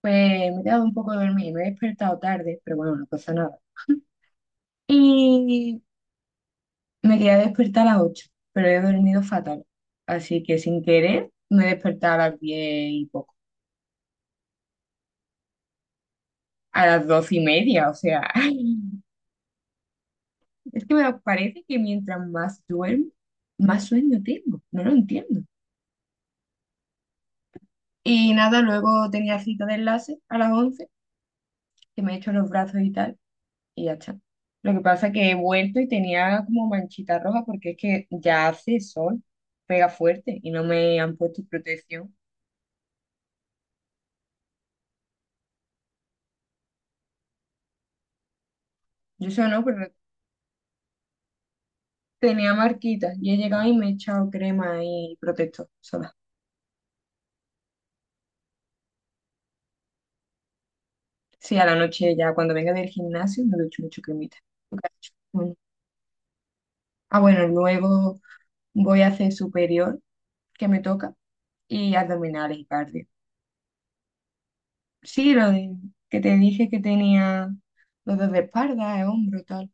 Pues me he quedado un poco dormida, me he despertado tarde, pero bueno, no pasa nada. Y me quería despertar a las 8 pero he dormido fatal. Así que sin querer me he despertado a las 10 y poco, a las 12:30, o sea, es que me parece que mientras más duermo, más sueño tengo, no lo entiendo. Y nada, luego tenía cita de enlace a las 11 que me he hecho los brazos y tal. Y ya está. Lo que pasa es que he vuelto y tenía como manchita roja porque es que ya hace sol, pega fuerte y no me han puesto protección. Yo eso no, pero tenía marquitas y he llegado y me he echado crema y protector sola. Sí, a la noche ya cuando venga del gimnasio me ducho mucho cremita. Lo que ha hecho. Bueno. Ah, bueno, luego voy a hacer superior que me toca y abdominales y cardio. Sí, que te dije que tenía los dos de espalda, de hombro, tal.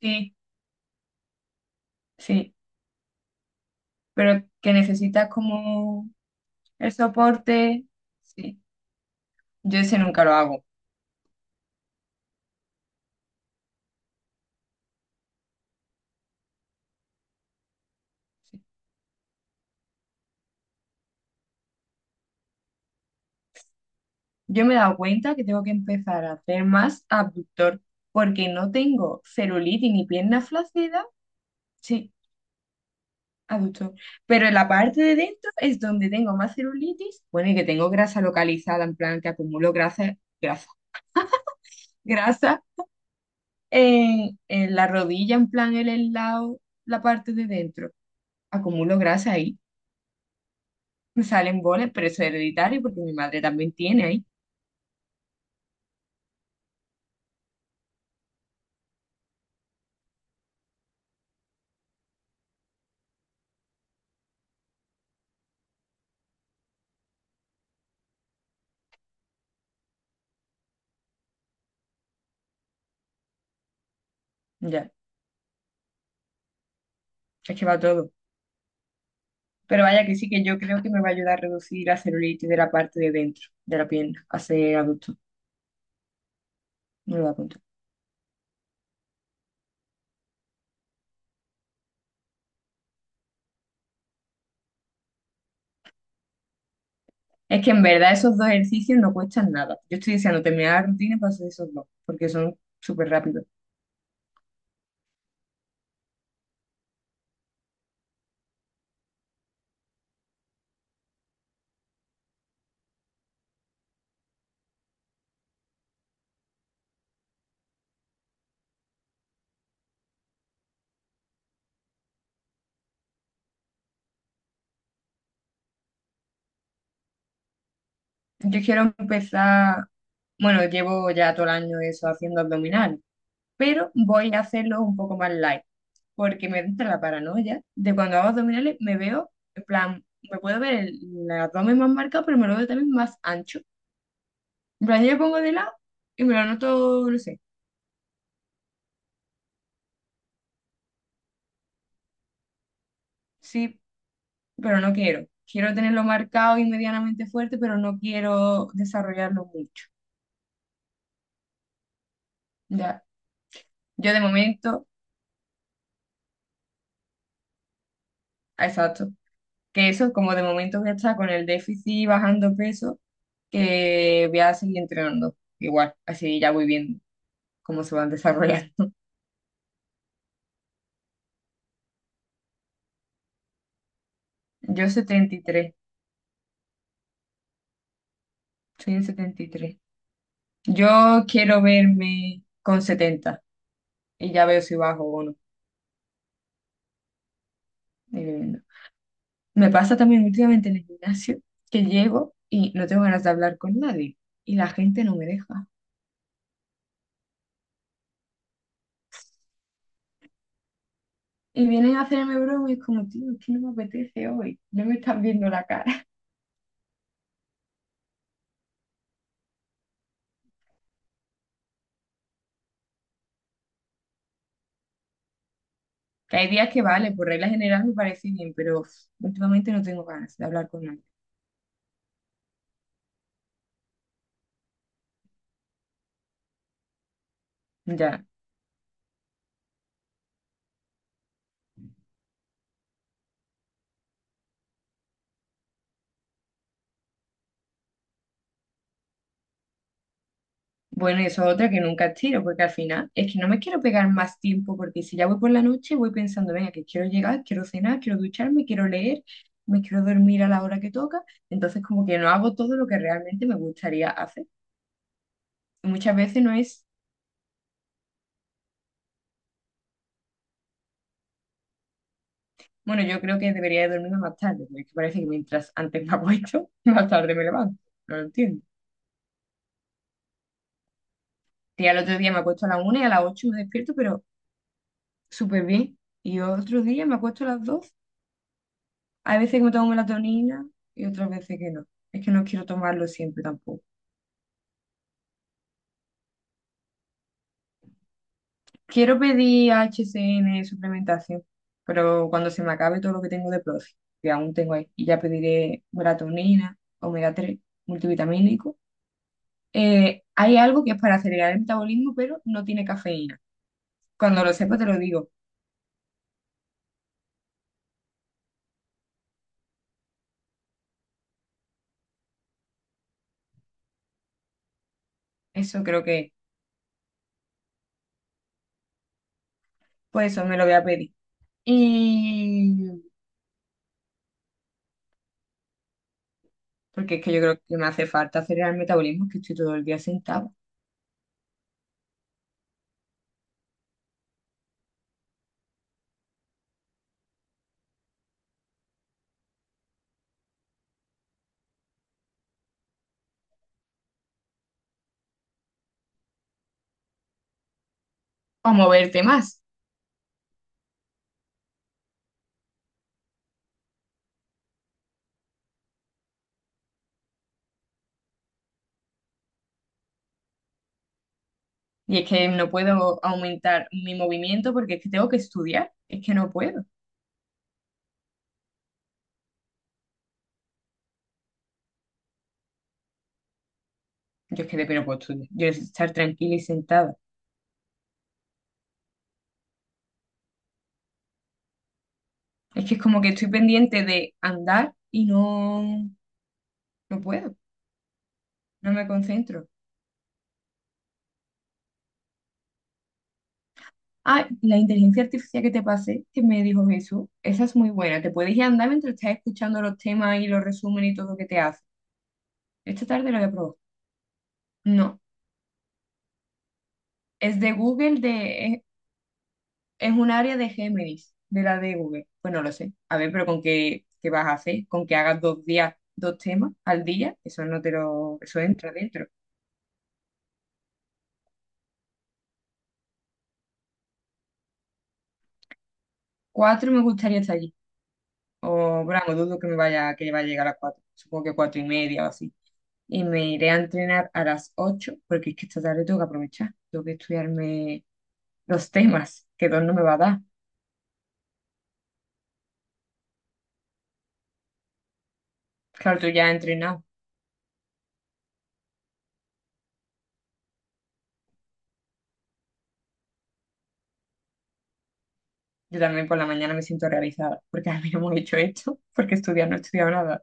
Sí, sí. Pero que necesitas como el soporte, sí, yo ese nunca lo hago. Yo me he dado cuenta que tengo que empezar a hacer más abductor porque no tengo celulitis ni pierna flácida, sí, abductor, pero en la parte de dentro es donde tengo más celulitis, bueno, y que tengo grasa localizada, en plan que acumulo grasa, grasa, grasa en la rodilla, en plan en el lado, la parte de dentro, acumulo grasa ahí me salen bolas, pero eso es hereditario porque mi madre también tiene ahí. Ya, es que va todo. Pero vaya que sí que yo creo que me va a ayudar a reducir la celulitis de la parte de dentro de la pierna a ser adulto. Me lo voy a apuntar. Es que en verdad esos dos ejercicios no cuestan nada. Yo estoy deseando terminar la rutina para hacer esos dos, porque son súper rápidos. Yo quiero empezar, bueno, llevo ya todo el año eso haciendo abdominal, pero voy a hacerlo un poco más light, porque me entra la paranoia de cuando hago abdominales me veo, en plan, me puedo ver el abdomen más marcado, pero me lo veo también más ancho. En plan, yo me pongo de lado y me lo noto, no sé, sí, pero no quiero. Quiero tenerlo marcado y medianamente fuerte, pero no quiero desarrollarlo mucho. Ya, yo de momento, exacto, que eso, como de momento voy a estar con el déficit bajando peso, que voy a seguir entrenando igual, así ya voy viendo. Cómo se van desarrollando. Yo 73, soy en 73. Yo quiero verme con 70 y ya veo si bajo o no. ahí voy viendo. Me pasa también últimamente en el gimnasio que llego y no tengo ganas de hablar con nadie y la gente no me deja. Y vienen a hacerme broma y es como, tío, es que no me apetece hoy, no me están viendo la cara. Que hay días que vale, por regla general me parece bien, pero uf, últimamente no tengo ganas de hablar con nadie. Ya, Bueno, y eso es otra que nunca tiro, porque al final es que no me quiero pegar más tiempo, porque si ya voy por la noche, voy pensando, venga, que quiero llegar, quiero cenar, quiero ducharme, quiero leer, me quiero dormir a la hora que toca, entonces como que no hago todo lo que realmente me gustaría hacer. Y muchas veces no es, bueno, yo creo que debería de dormirme más tarde, porque parece que mientras antes me acuesto, más tarde me levanto, no lo entiendo. Y al otro día me acuesto a las 1 y a las 8 me despierto, pero súper bien. Y otro día me acuesto a las 2. Hay veces que me tomo melatonina y otras veces que no. Es que no quiero tomarlo siempre tampoco. Quiero pedir HCN suplementación, pero cuando se me acabe todo lo que tengo de Profi, que aún tengo ahí, y ya pediré melatonina, omega 3, multivitamínico. Hay algo que es para acelerar el metabolismo, pero no tiene cafeína. Cuando lo sepa te lo digo. Eso creo que, es. Pues eso me lo voy a pedir. Y porque es que yo creo que me hace falta acelerar el metabolismo, que estoy todo el día sentado. O moverte más. Y es que no puedo aumentar mi movimiento porque es que tengo que estudiar. Es que no puedo. Yo es que de que no puedo estudiar. Yo necesito estar tranquila y sentada. Es que es como que estoy pendiente de andar y no, no puedo. No me concentro. Ah, la inteligencia artificial que te pasé, que me dijo Jesús, esa es muy buena. Te puedes ir a andar mientras estás escuchando los temas y los resúmenes y todo lo que te hace. Esta tarde lo voy a probar. No, es de Google, de, es un área de Géminis, de la de Google. Pues no lo sé. A ver, pero con qué, qué vas a hacer, con que hagas 2 días, dos temas al día, eso no te lo, eso entra dentro. 4 me gustaría estar allí. O bravo, dudo que me vaya, que vaya a llegar a las 4. Supongo que 4:30 o así. Y me iré a entrenar a las 8, porque es que esta tarde tengo que aprovechar. Tengo que estudiarme los temas, que dos no me va a dar. Claro, tú ya has entrenado. Yo también por la mañana me siento realizada, porque a mí no hemos hecho esto, porque estudiar no he estudiado nada.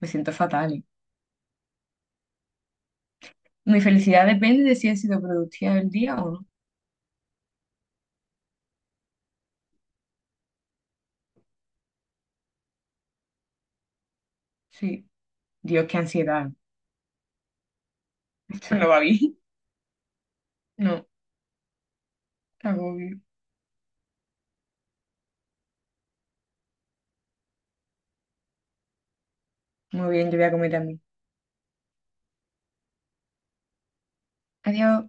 Me siento fatal. Mi felicidad depende de si he sido productiva el día o no. Sí. Dios, qué ansiedad. Esto no va bien. No, agobio. Muy bien, yo voy a comer también. Adiós.